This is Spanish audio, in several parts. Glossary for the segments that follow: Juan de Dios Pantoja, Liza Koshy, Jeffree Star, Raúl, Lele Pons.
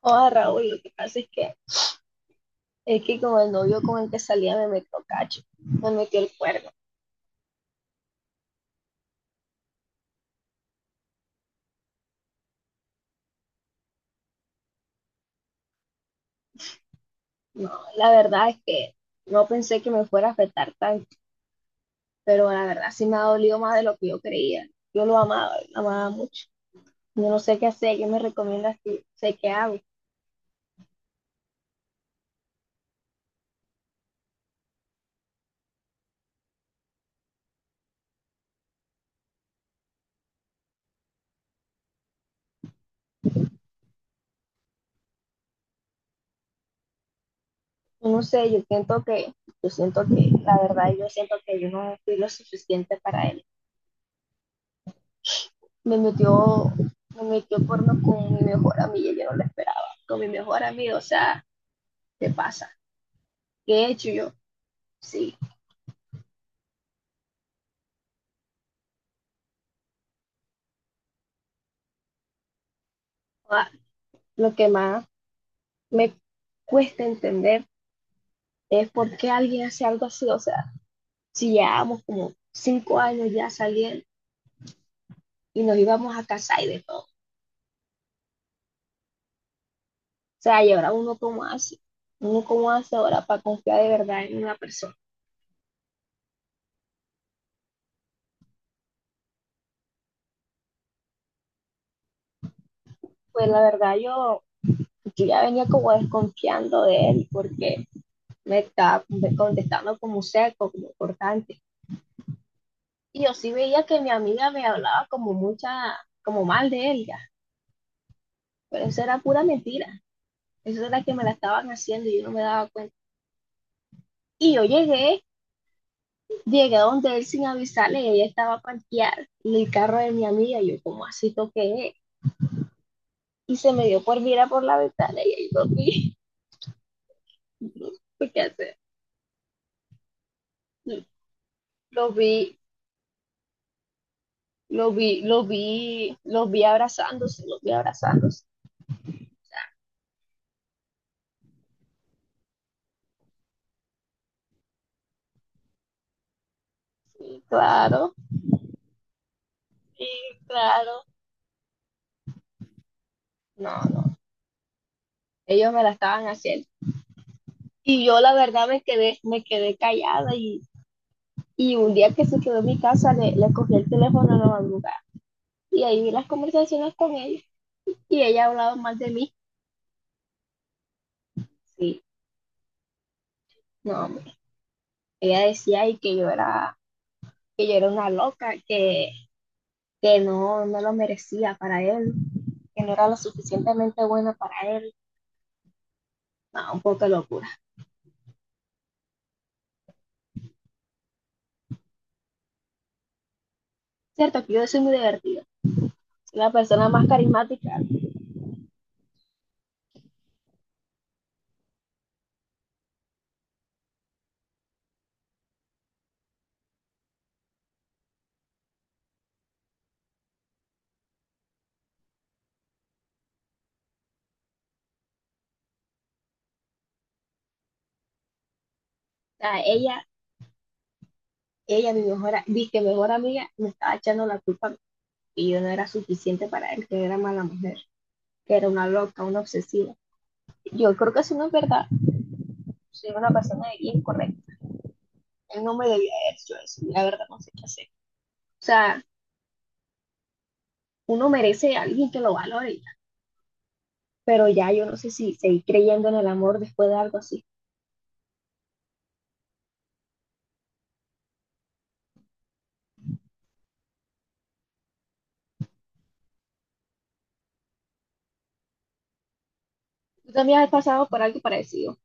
O Raúl, lo que pasa es que con el novio con el que salía me metió cacho, me metió el cuerno. No, la verdad es que no pensé que me fuera a afectar tanto, pero la verdad sí me ha dolido más de lo que yo creía. Yo lo amaba mucho. Yo no sé qué hacer, ¿qué me recomiendas que sé qué hago? Yo no sé, yo siento que, la verdad, yo siento que yo no fui lo suficiente para él. Me metió, me metió porno con mi mejor amiga, yo no lo esperaba, con mi mejor amigo, o sea, ¿qué pasa? ¿Qué he hecho yo? Sí. Ah, lo que más me cuesta entender es por qué alguien hace algo así. O sea, si llevábamos como cinco años ya saliendo y nos íbamos a casar y de todo. O sea, y ahora uno cómo hace ahora para confiar de verdad en una persona. Pues la verdad yo, yo ya venía como desconfiando de él porque me estaba contestando como seco, como cortante. Y yo sí veía que mi amiga me hablaba como mucha, como mal de él ya, pero eso era pura mentira. Eso era la que me la estaban haciendo y yo no me daba cuenta. Y yo llegué a donde él sin avisarle, y ella estaba parqueada en el carro de mi amiga, y yo como así toqué, y se me dio por mirar por la ventana, y ahí lo vi. ¿Qué hacer? No. Lo vi, lo vi abrazándose, lo vi abrazándose, y claro, y claro, no, no, ellos me la estaban haciendo. Y yo la verdad me quedé callada. Y un día que se quedó en mi casa, le cogí el teléfono a la madrugada. Y ahí vi las conversaciones con ella. Y ella ha hablado mal de mí. Sí, no. Ella decía y que yo era una loca, que no, no lo merecía para él, que no era lo suficientemente buena para él. No, un poco de locura. Cierto que yo soy muy divertida. Soy la persona más carismática. O sea, ella, mi mejor, mi que mejor amiga, me estaba echando la culpa que yo no era suficiente para él, que era mala mujer, que era una loca, una obsesiva. Yo creo que eso no es verdad. Soy una persona bien correcta. Él no me debía haber hecho eso. La verdad, no sé qué hacer. O sea, uno merece a alguien que lo valore. Pero ya yo no sé si seguir creyendo en el amor después de algo así. ¿Tú también has pasado por algo parecido?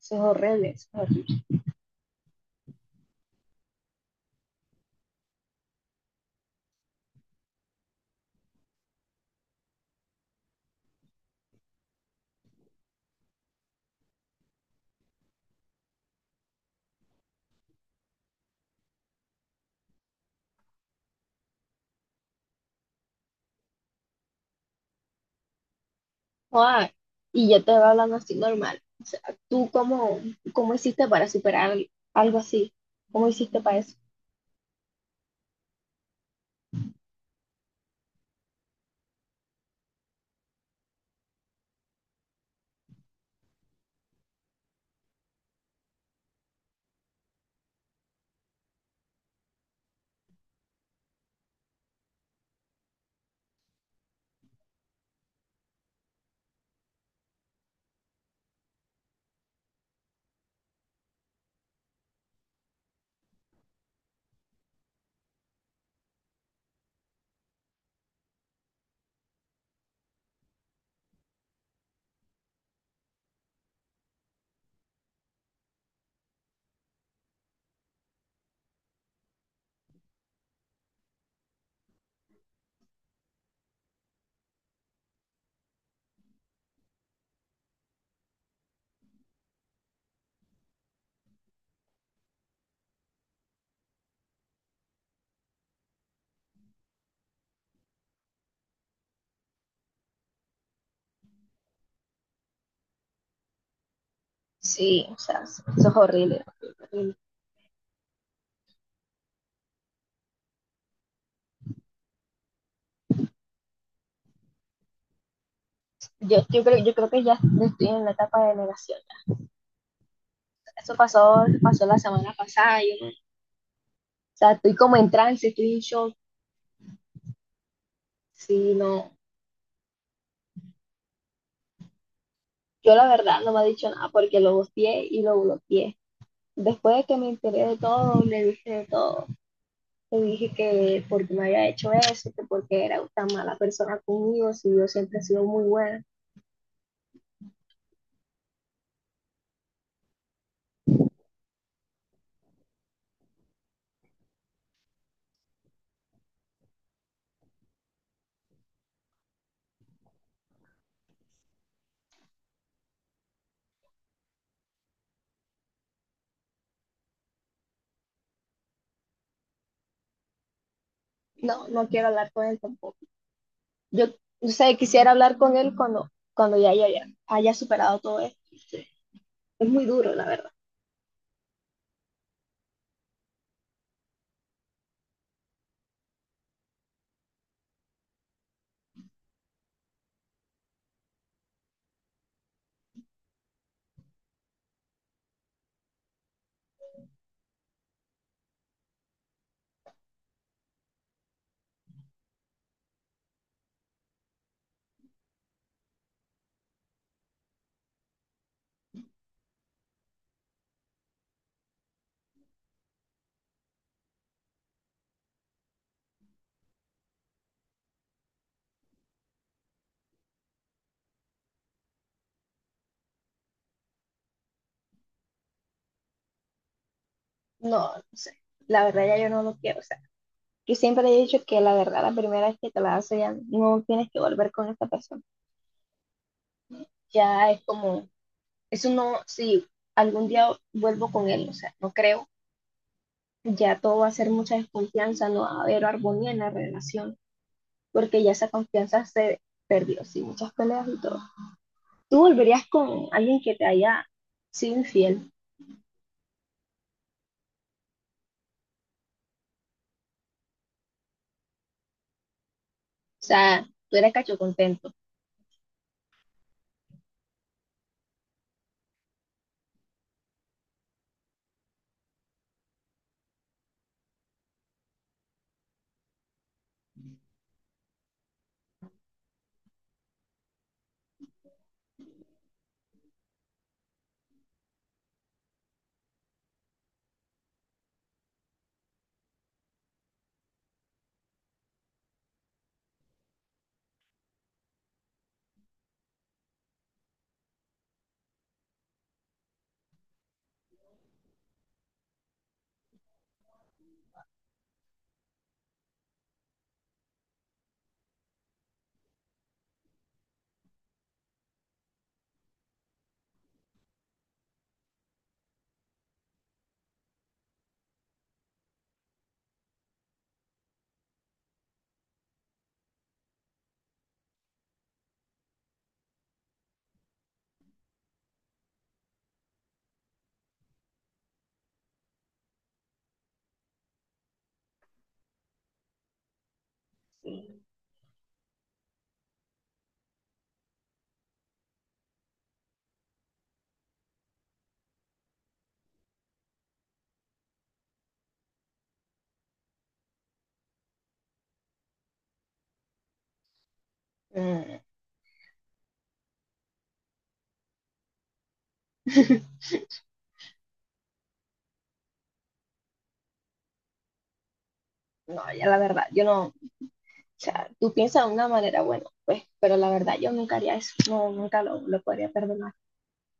Eso es horrible, eso es horrible. Ah, y yo te voy hablando así normal. O sea, ¿tú cómo, cómo hiciste para superar algo así? ¿Cómo hiciste para eso? Sí, o sea, eso es horrible, horrible. Yo creo que ya estoy en la etapa de negación. Eso pasó, pasó la semana pasada. Yo, no, o sea, estoy como en trance, estoy en shock. Sí, no. Yo la verdad no me ha dicho nada porque lo gosteé y lo bloqueé. Después de que me enteré de todo, le dije de todo. Le dije que porque me había hecho eso, que porque era tan mala persona conmigo, si yo siempre he sido muy buena. No, no quiero hablar con él tampoco. Yo, no sé, quisiera hablar con él cuando, cuando ya haya superado todo esto. Sí. Es muy duro, la verdad. No, no sé. La verdad ya yo no lo quiero. O sea, yo siempre he dicho que la verdad, la primera vez que te la das ya no tienes que volver con esta persona. Ya es como, eso no, si algún día vuelvo con él, o sea, no creo, ya todo va a ser mucha desconfianza, no va a haber armonía en la relación, porque ya esa confianza se perdió, sí, muchas peleas y todo. ¿Tú volverías con alguien que te haya sido infiel? O sea, ¿tú eres cacho contento? Mm. No, ya la verdad, yo no. O sea, tú piensas de una manera, bueno, pues, pero la verdad yo nunca haría eso, no, nunca lo podría perdonar.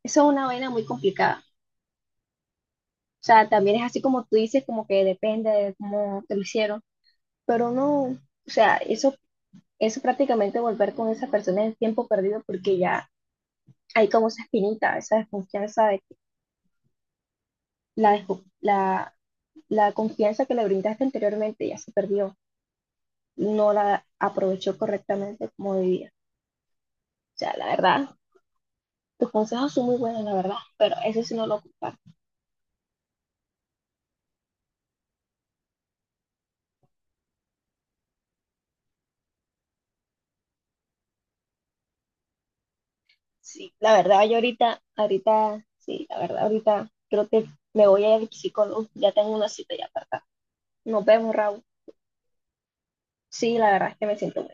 Eso es una vaina muy complicada. O sea, también es así como tú dices, como que depende de cómo te lo hicieron, pero no, o sea, eso prácticamente volver con esa persona es tiempo perdido porque ya hay como esa espinita, esa desconfianza de que la, desco- la, la confianza que le brindaste anteriormente ya se perdió, no la aprovechó correctamente como debía. O sea, la verdad, tus consejos son muy buenos, la verdad, pero eso sí no lo comparto. Sí, la verdad, yo ahorita, sí, la verdad, ahorita creo que me voy a ir al psicólogo, ya tengo una cita ya apartada. Nos vemos, Raúl. Sí, la verdad es que me siento